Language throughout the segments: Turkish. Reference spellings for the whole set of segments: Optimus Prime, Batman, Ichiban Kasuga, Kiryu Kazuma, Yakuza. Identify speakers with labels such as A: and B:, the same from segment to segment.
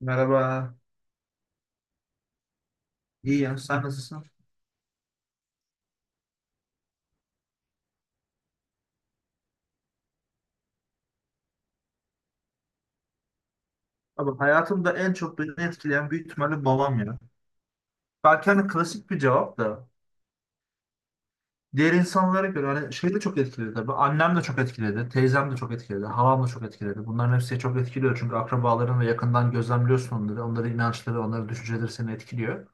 A: Merhaba. İyi ya. Sen nasılsın? Abi hayatımda en çok beni etkileyen büyük ihtimalle babam ya. Belki hani klasik bir cevap da. Diğer insanlara göre hani şey de çok etkiledi tabii. Annem de çok etkiledi. Teyzem de çok etkiledi. Halam da çok etkiledi. Bunların hepsi çok etkiliyor. Çünkü akrabaların ve yakından gözlemliyorsun onları. Onların inançları, onların düşünceleri seni etkiliyor.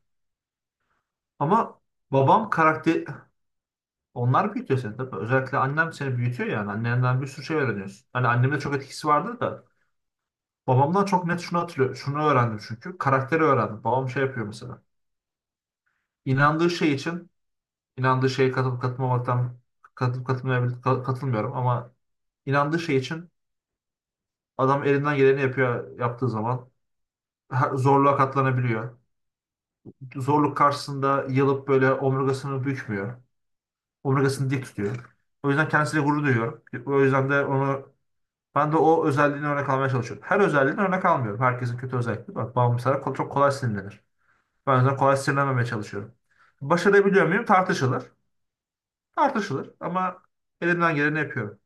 A: Ama babam karakter... Onlar büyütüyor seni tabii. Özellikle annem seni büyütüyor yani. Annenden bir sürü şey öğreniyorsun. Hani annemin de çok etkisi vardır da. Babamdan çok net şunu hatırlıyorum. Şunu öğrendim çünkü. Karakteri öğrendim. Babam şey yapıyor mesela. İnandığı şey için inandığı şeye katılıp katılmamaktan katılıp katılmayabil- ka- katılmıyorum ama inandığı şey için adam elinden geleni yapıyor yaptığı zaman zorluğa katlanabiliyor. Zorluk karşısında yılıp böyle omurgasını bükmüyor. Omurgasını dik tutuyor. O yüzden kendisiyle gurur duyuyorum. O yüzden de onu ben de o özelliğini örnek almaya çalışıyorum. Her özelliğini örnek almıyorum. Herkesin kötü özellikleri var. Babam mesela çok kolay sinirlenir. Ben o yüzden kolay sinirlenmemeye çalışıyorum. Başarabiliyor muyum? Tartışılır. Tartışılır ama elimden geleni yapıyorum.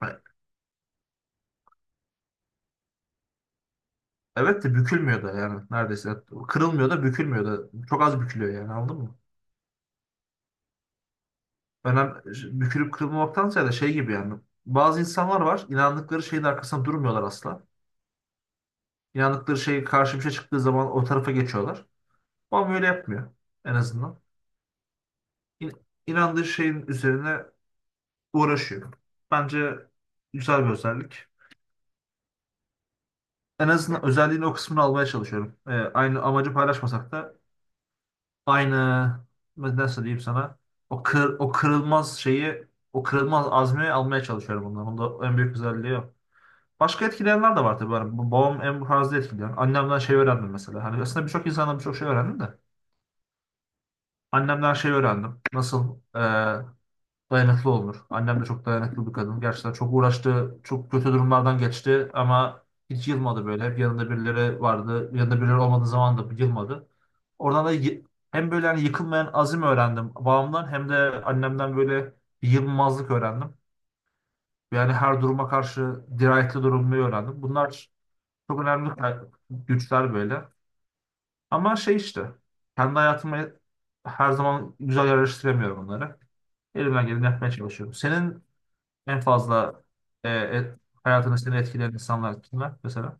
A: Ha, evet de bükülmüyor da yani neredeyse. Kırılmıyor da bükülmüyor da. Çok az bükülüyor yani anladın mı? Önem, Bükülüp kırılmamaktansa da şey gibi yani. Bazı insanlar var inandıkları şeyin arkasında durmuyorlar asla. İnandıkları şey karşı bir şey çıktığı zaman o tarafa geçiyorlar. Ama öyle yapmıyor en azından. İn, inandığı şeyin üzerine uğraşıyor. Bence güzel bir özellik. En azından özelliğini o kısmını almaya çalışıyorum. Aynı amacı paylaşmasak da aynı nasıl diyeyim sana o kırılmaz şeyi o kırılmaz azmi almaya çalışıyorum bundan. Bunda en büyük özelliği o. Başka etkileyenler de var tabii. Yani babam en fazla etkileyen. Annemden şey öğrendim mesela. Hani aslında birçok insandan birçok şey öğrendim de. Annemden şey öğrendim. Nasıl? Dayanıklı olur. Annem de çok dayanıklı bir kadın. Gerçekten çok uğraştı, çok kötü durumlardan geçti ama hiç yılmadı böyle. Hep yanında birileri vardı. Yanında birileri olmadığı zaman da yılmadı. Oradan da y- Hem böyle hani yıkılmayan azim öğrendim babamdan hem de annemden böyle bir yılmazlık öğrendim. Yani her duruma karşı dirayetli durmayı öğrendim. Bunlar çok önemli güçler böyle. Ama şey işte kendi hayatıma her zaman güzel yerleştiremiyorum bunları. Elimden geleni yapmaya çalışıyorum. Senin en fazla e, et, hayatını seni etkileyen insanlar kimler mesela?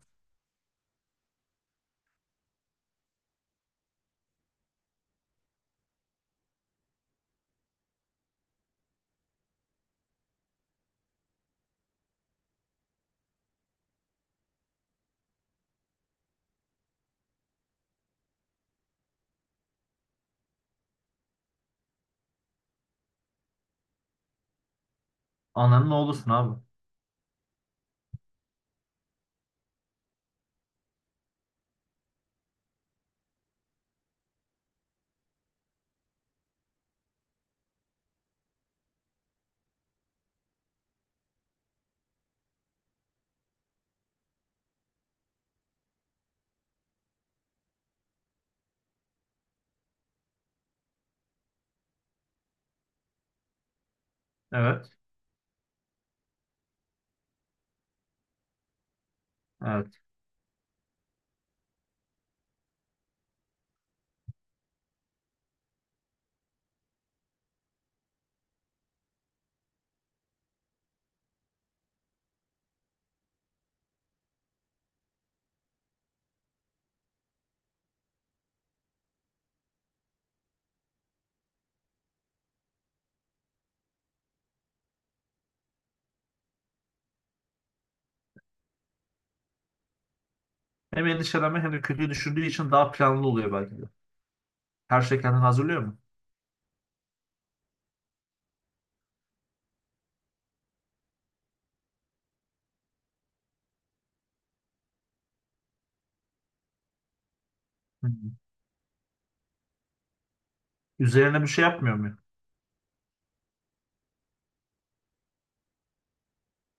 A: Ananın oğlusun abi. Evet. Evet. Hem endişelenme hem de kötüyü düşündüğü için daha planlı oluyor belki de. Her şey kendini hazırlıyor mu? Hı. Üzerine bir şey yapmıyor mu?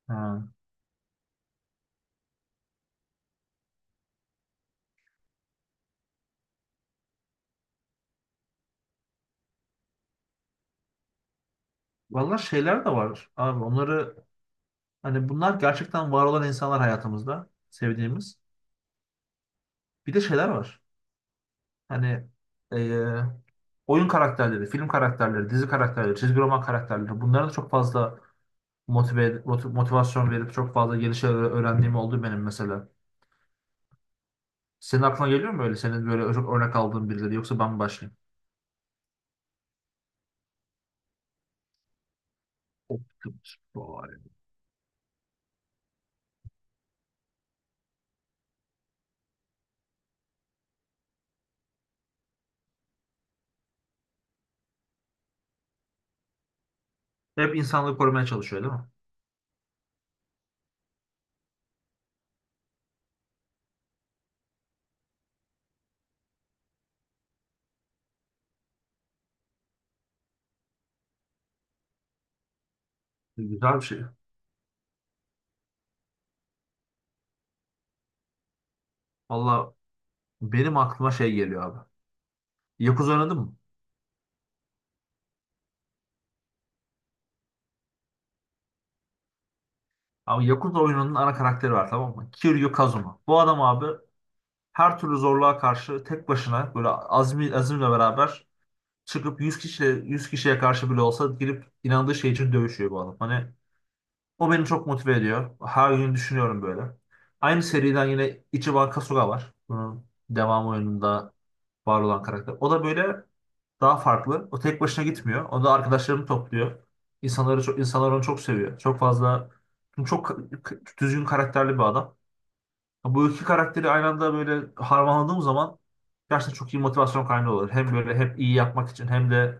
A: Ha. Vallahi şeyler de var abi. Onları hani bunlar gerçekten var olan insanlar hayatımızda sevdiğimiz. Bir de şeyler var. Hani e, oyun karakterleri, film karakterleri, dizi karakterleri, çizgi roman karakterleri. Bunların da çok fazla motivasyon verip çok fazla yeni şeyler öğrendiğim oldu benim mesela. Senin aklına geliyor mu öyle? Senin böyle çok örnek aldığın birileri yoksa ben mi başlayayım? Optimus Prime. Hep insanlığı korumaya çalışıyor değil mi? Güzel bir şey. Valla benim aklıma şey geliyor abi. Yakuza oynadın mı? Abi Yakuza oyununun ana karakteri var tamam mı? Kiryu Kazuma. Bu adam abi her türlü zorluğa karşı tek başına böyle azmi, azimle beraber çıkıp yüz kişiye karşı bile olsa girip inandığı şey için dövüşüyor bu adam. Hani o beni çok motive ediyor. Her gün düşünüyorum böyle. Aynı seriden yine Ichiban Kasuga var. Bunun devam oyununda var olan karakter. O da böyle daha farklı. O tek başına gitmiyor. O da arkadaşlarını topluyor. İnsanları çok, insanlar onu çok seviyor. Çok fazla çünkü çok düzgün karakterli bir adam. Bu iki karakteri aynı anda böyle harmanladığım zaman gerçekten çok iyi motivasyon kaynağı olur. Hem böyle hep iyi yapmak için hem de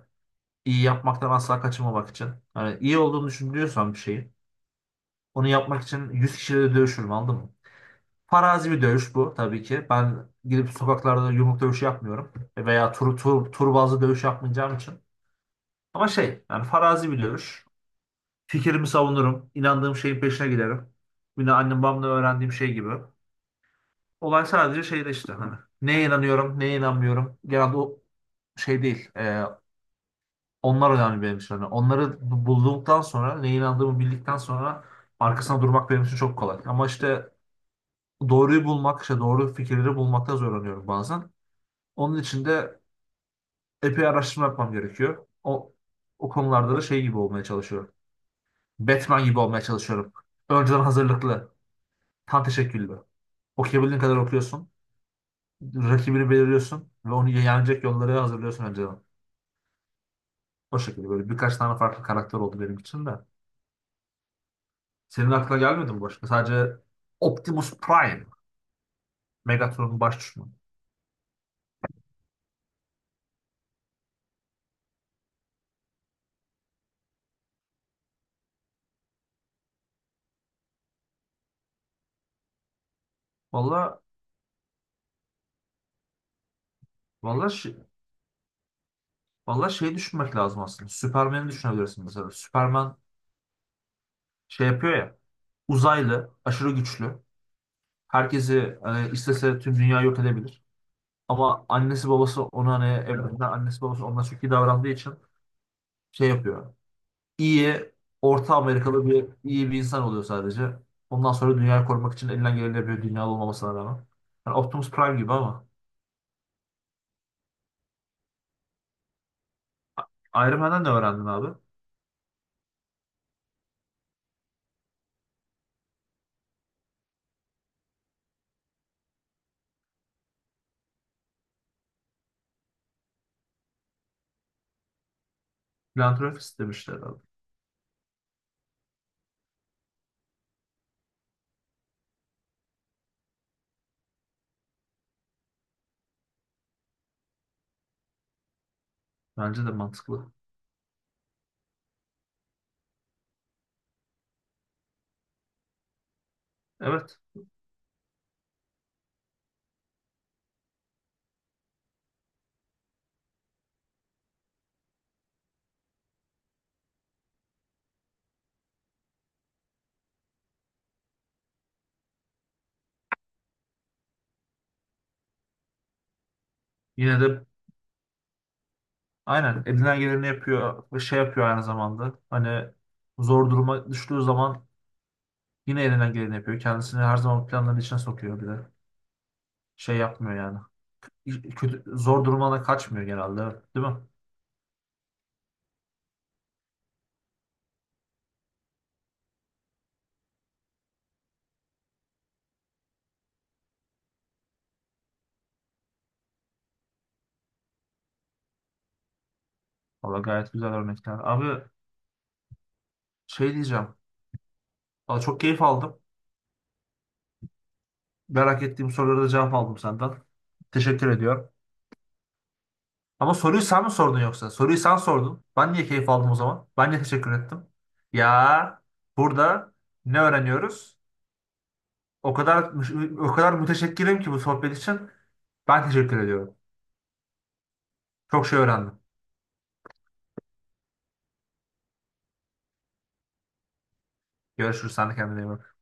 A: iyi yapmaktan asla kaçınmamak için. Yani iyi olduğunu düşünüyorsan bir şeyin onu yapmak için 100 kişiyle dövüşürüm anladın mı? Farazi bir dövüş bu tabii ki. Ben gidip sokaklarda yumruk dövüşü yapmıyorum. Veya tur bazlı dövüş yapmayacağım için. Ama şey yani farazi bir dövüş. Fikrimi savunurum. İnandığım şeyin peşine giderim. Yine annem babamdan öğrendiğim şey gibi. Olay sadece şeyde işte hani. Neye inanıyorum, neye inanmıyorum. Genelde o şey değil. Onlar önemli benim için. Hani onları bulduktan sonra, neye inandığımı bildikten sonra arkasına durmak benim için çok kolay. Ama işte doğruyu bulmak, işte doğru fikirleri bulmakta zorlanıyorum bazen. Onun için de epey araştırma yapmam gerekiyor. O konularda da şey gibi olmaya çalışıyorum. Batman gibi olmaya çalışıyorum. Önceden hazırlıklı, tam teşekküllü. Okuyabildiğin kadar okuyorsun. Rakibini belirliyorsun ve onu yenecek yolları hazırlıyorsun önceden. O şekilde böyle birkaç tane farklı karakter oldu benim için de. Senin aklına gelmedi mi başka? Sadece Optimus Prime, Megatron'un baş düşmanı. Valla, valla şi- Valla şey düşünmek lazım aslında. Süpermen'i düşünebilirsin mesela. Süperman şey yapıyor ya. Uzaylı, aşırı güçlü. Herkesi hani istese tüm dünya yok edebilir. Ama annesi babası ona hani evlerinden annesi babası ona çok iyi davrandığı için şey yapıyor. İyi, Orta Amerikalı bir iyi bir insan oluyor sadece. Ondan sonra dünyayı korumak için elinden geleni yapıyor dünyalı olmamasına rağmen. Yani Optimus Prime gibi ama. Iron Man'den ne öğrendin abi? Philanthropist demişler abi. Bence de mantıklı. Evet. Yine de aynen elinden geleni yapıyor ve şey yapıyor aynı zamanda. Hani zor duruma düştüğü zaman yine elinden geleni yapıyor. Kendisini her zaman planların içine sokuyor bir de. Şey yapmıyor yani. Kötü, zor durumdan kaçmıyor genelde. Evet. Değil mi? Valla gayet güzel örnekler. Abi şey diyeceğim. Valla çok keyif aldım. Merak ettiğim sorulara da cevap aldım senden. Teşekkür ediyorum. Ama soruyu sen mi sordun yoksa? Soruyu sen sordun. Ben niye keyif aldım o zaman? Ben niye teşekkür ettim? Ya burada ne öğreniyoruz? O kadar o kadar müteşekkirim ki bu sohbet için. Ben teşekkür ediyorum. Çok şey öğrendim. Görüşürüz. Sen de kendine iyi bak.